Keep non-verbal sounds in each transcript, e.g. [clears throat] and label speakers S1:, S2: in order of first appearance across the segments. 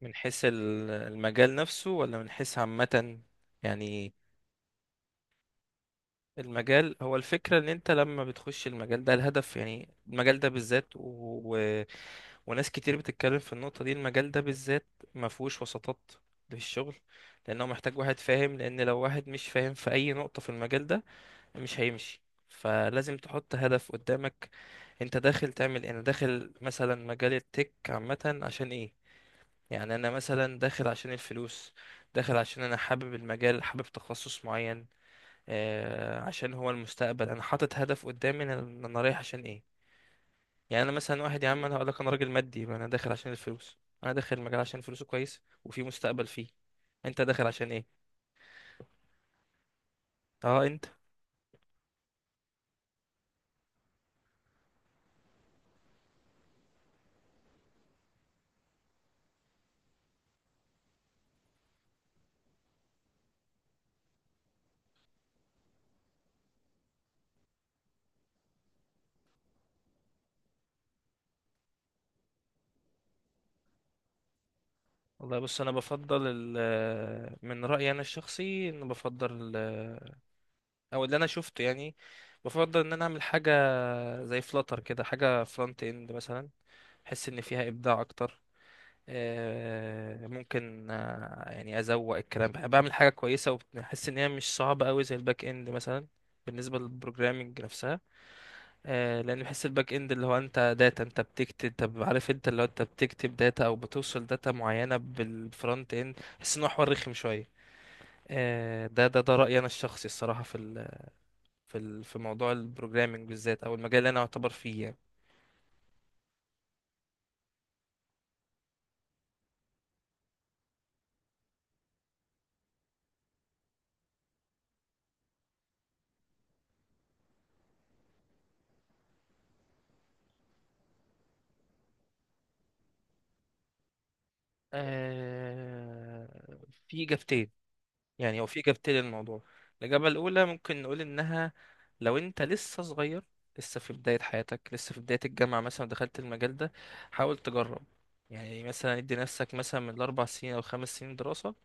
S1: من حيث المجال نفسه ولا من حيث عامة؟ يعني المجال هو الفكرة ان انت لما بتخش المجال ده الهدف، يعني المجال ده بالذات و... و... وناس كتير بتتكلم في النقطة دي. المجال ده بالذات ما فيهوش وسطات في الشغل، لانه محتاج واحد فاهم، لان لو واحد مش فاهم في اي نقطة في المجال ده مش هيمشي. فلازم تحط هدف قدامك، انت داخل تعمل ايه؟ انا داخل مثلا مجال التك عامة عشان ايه؟ يعني انا مثلا داخل عشان الفلوس، داخل عشان انا حابب المجال، حابب تخصص معين، آه، عشان هو المستقبل. انا حاطط هدف قدامي، انا رايح عشان ايه. يعني انا مثلا واحد يا عم، انا هقول لك انا راجل مادي، ما انا داخل عشان الفلوس، انا داخل المجال عشان فلوسه كويس وفي مستقبل فيه. انت داخل عشان ايه؟ اه انت. والله بص، انا بفضل من رايي انا الشخصي ان بفضل او اللي انا شفته يعني، بفضل ان انا اعمل حاجه زي فلاتر كده، حاجه فرونت اند مثلا. احس ان فيها ابداع اكتر، ممكن، يعني ازوق الكلام، بحب بعمل حاجه كويسه، وبحس ان هي مش صعبه قوي زي الباك اند مثلا، بالنسبه للبروجرامينج نفسها. لان بحس الباك اند اللي هو انت داتا، انت بتكتب، طب عارف انت اللي هو انت بتكتب داتا او بتوصل داتا معينه بالفرونت اند، بحس ان هو حوار رخم شويه. ده رايي انا الشخصي الصراحه في ال في موضوع البروجرامينج بالذات، او المجال اللي انا اعتبر فيه يعني. آه، في اجابتين، يعني هو في إجابتين للموضوع. الإجابة الأولى ممكن نقول إنها لو أنت لسه صغير، لسه في بداية حياتك، لسه في بداية الجامعة مثلا، دخلت المجال ده، حاول تجرب. يعني مثلا ادي نفسك مثلا من الأربع سنين أو خمس سنين دراسة،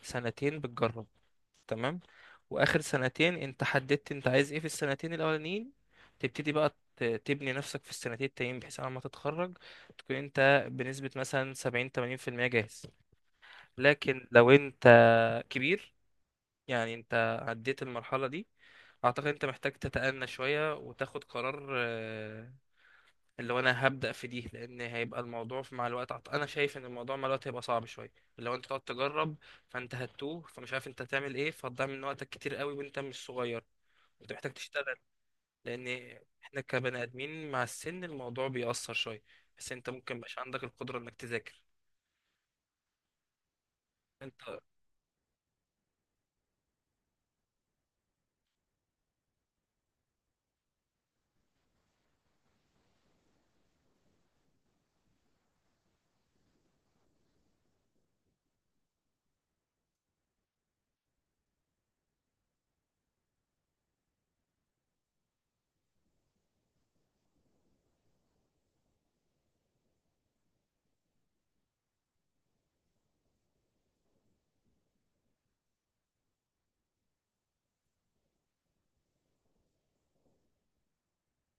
S1: سنتين بتجرب، تمام، واخر سنتين انت حددت انت عايز ايه. في السنتين الاولانيين تبتدي بقى تبني نفسك في السنتين التانيين، بحيث على ما تتخرج تكون انت بنسبة مثلا سبعين تمانين في المية جاهز. لكن لو انت كبير، يعني انت عديت المرحلة دي، اعتقد انت محتاج تتأنى شوية وتاخد قرار. اللي هو انا هبدأ في دي، لان هيبقى الموضوع مع الوقت، انا شايف ان الموضوع مع الوقت هيبقى صعب شوية، اللي هو انت تقعد تجرب، فانت هتوه، فمش عارف انت هتعمل ايه، فهتضيع من وقتك كتير قوي وانت مش صغير، انت محتاج تشتغل. لان احنا كبني ادمين مع السن الموضوع بيأثر شوية، بس انت ممكن مش عندك القدرة انك تذاكر. انت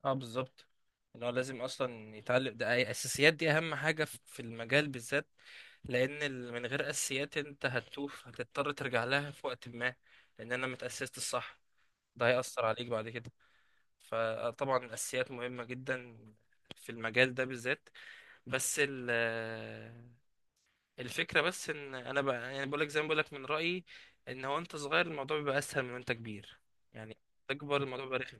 S1: اه بالظبط، ان هو لازم اصلا يتعلم ده، اساسيات دي اهم حاجه في في المجال بالذات. لان من غير اساسيات انت هتتوه، هتضطر ترجع لها في وقت ما، لان انا متاسست الصح، ده هيأثر عليك بعد كده. فطبعا الاساسيات مهمه جدا في المجال ده بالذات. بس ال آه، الفكره بس ان انا بقى يعني بقولك زي ما بقولك من رأيي، ان هو انت صغير الموضوع بيبقى اسهل من وانت كبير، يعني تكبر الموضوع بيبقى رخم.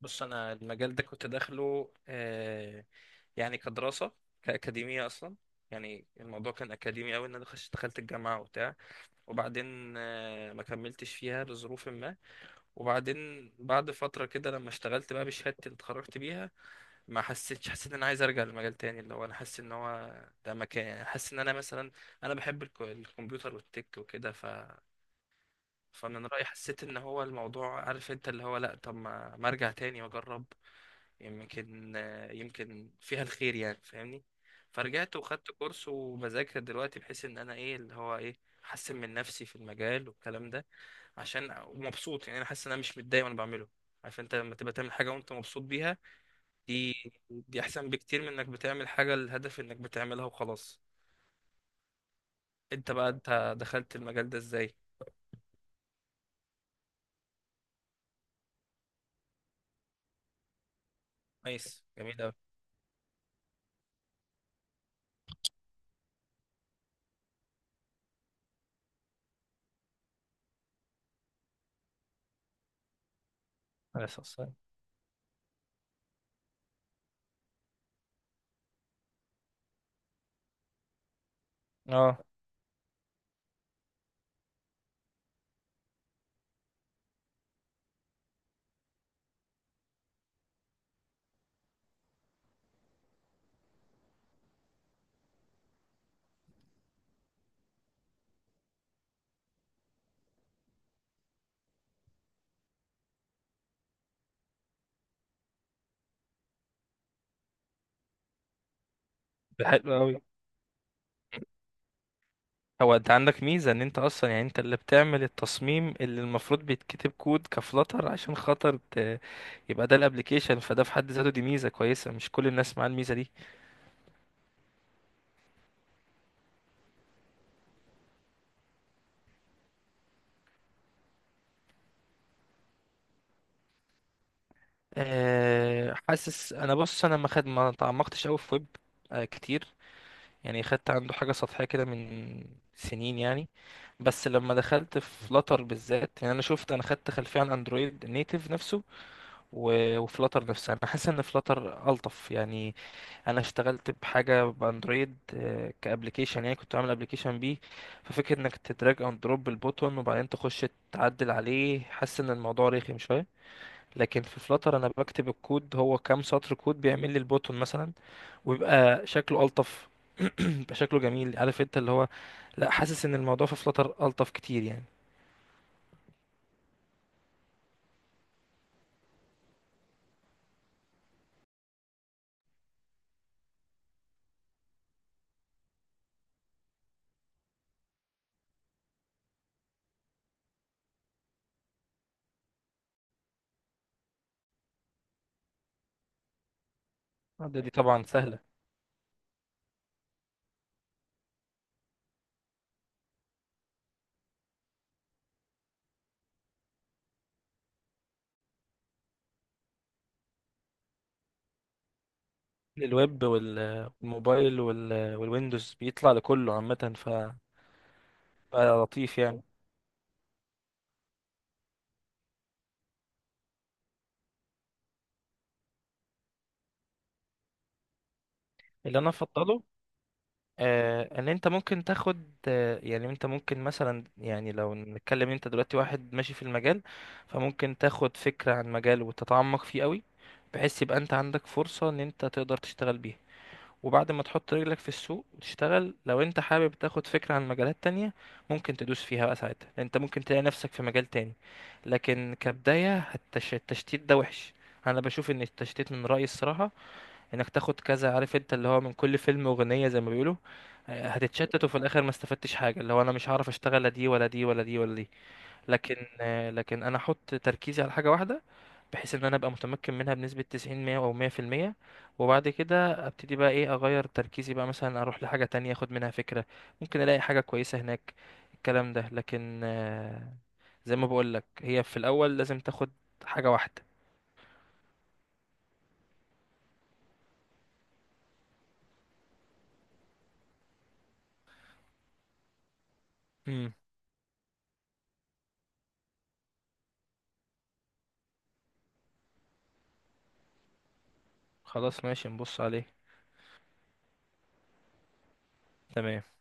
S1: بص، انا المجال ده كنت داخله، يعني كدراسه كاكاديميه اصلا، يعني الموضوع كان اكاديمي قوي. ان انا دخلت الجامعه وبتاع، وبعدين ما كملتش فيها لظروف ما، وبعدين بعد فتره كده لما اشتغلت بقى بشهادتي اللي اتخرجت بيها، ما حسيتش، حسيت ان انا عايز ارجع لمجال تاني، اللي هو انا حاسس ان هو ده مكان، يعني حاسس ان انا مثلا انا بحب الكمبيوتر والتك وكده. فمن رأيي حسيت ان هو الموضوع، عارف انت اللي هو لا طب ما ارجع تاني واجرب، يمكن، يمكن فيها الخير يعني، فاهمني. فرجعت وخدت كورس وبذاكر دلوقتي، بحيث ان انا ايه اللي هو ايه، احسن من نفسي في المجال والكلام ده، عشان مبسوط يعني. انا حاسس ان انا مش متضايق وانا بعمله، عارف انت لما تبقى تعمل حاجه وانت مبسوط بيها، دي دي احسن بكتير من انك بتعمل حاجه الهدف انك بتعملها وخلاص. انت بقى انت دخلت المجال ده ازاي؟ كويس، جميل قوي. عليه الصلاة والسلام. اه، ده حلو أوي. هو انت عندك ميزة ان انت اصلا، يعني انت اللي بتعمل التصميم اللي المفروض بيتكتب كود كفلتر عشان خاطر يبقى ده الابليكيشن، فده في حد ذاته دي ميزة كويسة، مش كل الناس معاها الميزة دي. أه حاسس انا، بص انا ما تعمقتش قوي في ويب أه كتير، يعني خدت عنده حاجة سطحية كده من سنين يعني. بس لما دخلت في فلاتر بالذات، يعني انا شفت، انا خدت خلفية عن اندرويد نيتيف نفسه، و... وفلاتر نفسها، انا حاسس ان فلاتر الطف يعني. انا اشتغلت بحاجه باندرويد، كابليكيشن، يعني كنت عامل ابليكيشن بيه، ففكره انك تدراج اند دروب البوتون وبعدين تخش تعدل عليه، حاسس ان الموضوع رخم شويه. لكن في فلاتر انا بكتب الكود، هو كام سطر كود بيعمل لي البوتون مثلا ويبقى شكله الطف، [clears throat] يبقى شكله جميل، عارف انت اللي هو، لا حاسس ان الموضوع في فلاتر الطف كتير يعني. دي طبعا سهله. للويب والموبايل والويندوز بيطلع لكله عامه، فبقى لطيف يعني. اللي انا افضله، ان انت ممكن تاخد، يعني انت ممكن مثلا، يعني لو نتكلم انت دلوقتي واحد ماشي في المجال، فممكن تاخد فكرة عن مجال وتتعمق فيه قوي، بحيث يبقى انت عندك فرصة ان انت تقدر تشتغل بيها. وبعد ما تحط رجلك في السوق وتشتغل، لو انت حابب تاخد فكرة عن مجالات تانية ممكن تدوس فيها بقى ساعتها، لأن انت ممكن تلاقي نفسك في مجال تاني. لكن كبداية التش- التشتيت ده وحش، انا بشوف ان التشتيت من رأيي الصراحة، انك تاخد كذا، عارف انت اللي هو من كل فيلم اغنية زي ما بيقولوا، هتتشتت وفي الاخر ما استفدتش حاجة، اللي هو انا مش هعرف اشتغل لا دي ولا دي ولا دي ولا دي. لكن، لكن انا احط تركيزي على حاجة واحدة، بحيث ان انا ابقى متمكن منها بنسبة 90 100 او 100%. وبعد كده ابتدي بقى ايه، اغير تركيزي بقى مثلا اروح لحاجة تانية اخد منها فكرة، ممكن الاقي حاجة كويسة هناك الكلام ده. لكن، زي ما بقولك، هي في الاول لازم تاخد حاجة واحدة. امم، خلاص ماشي، نبص عليه. تمام.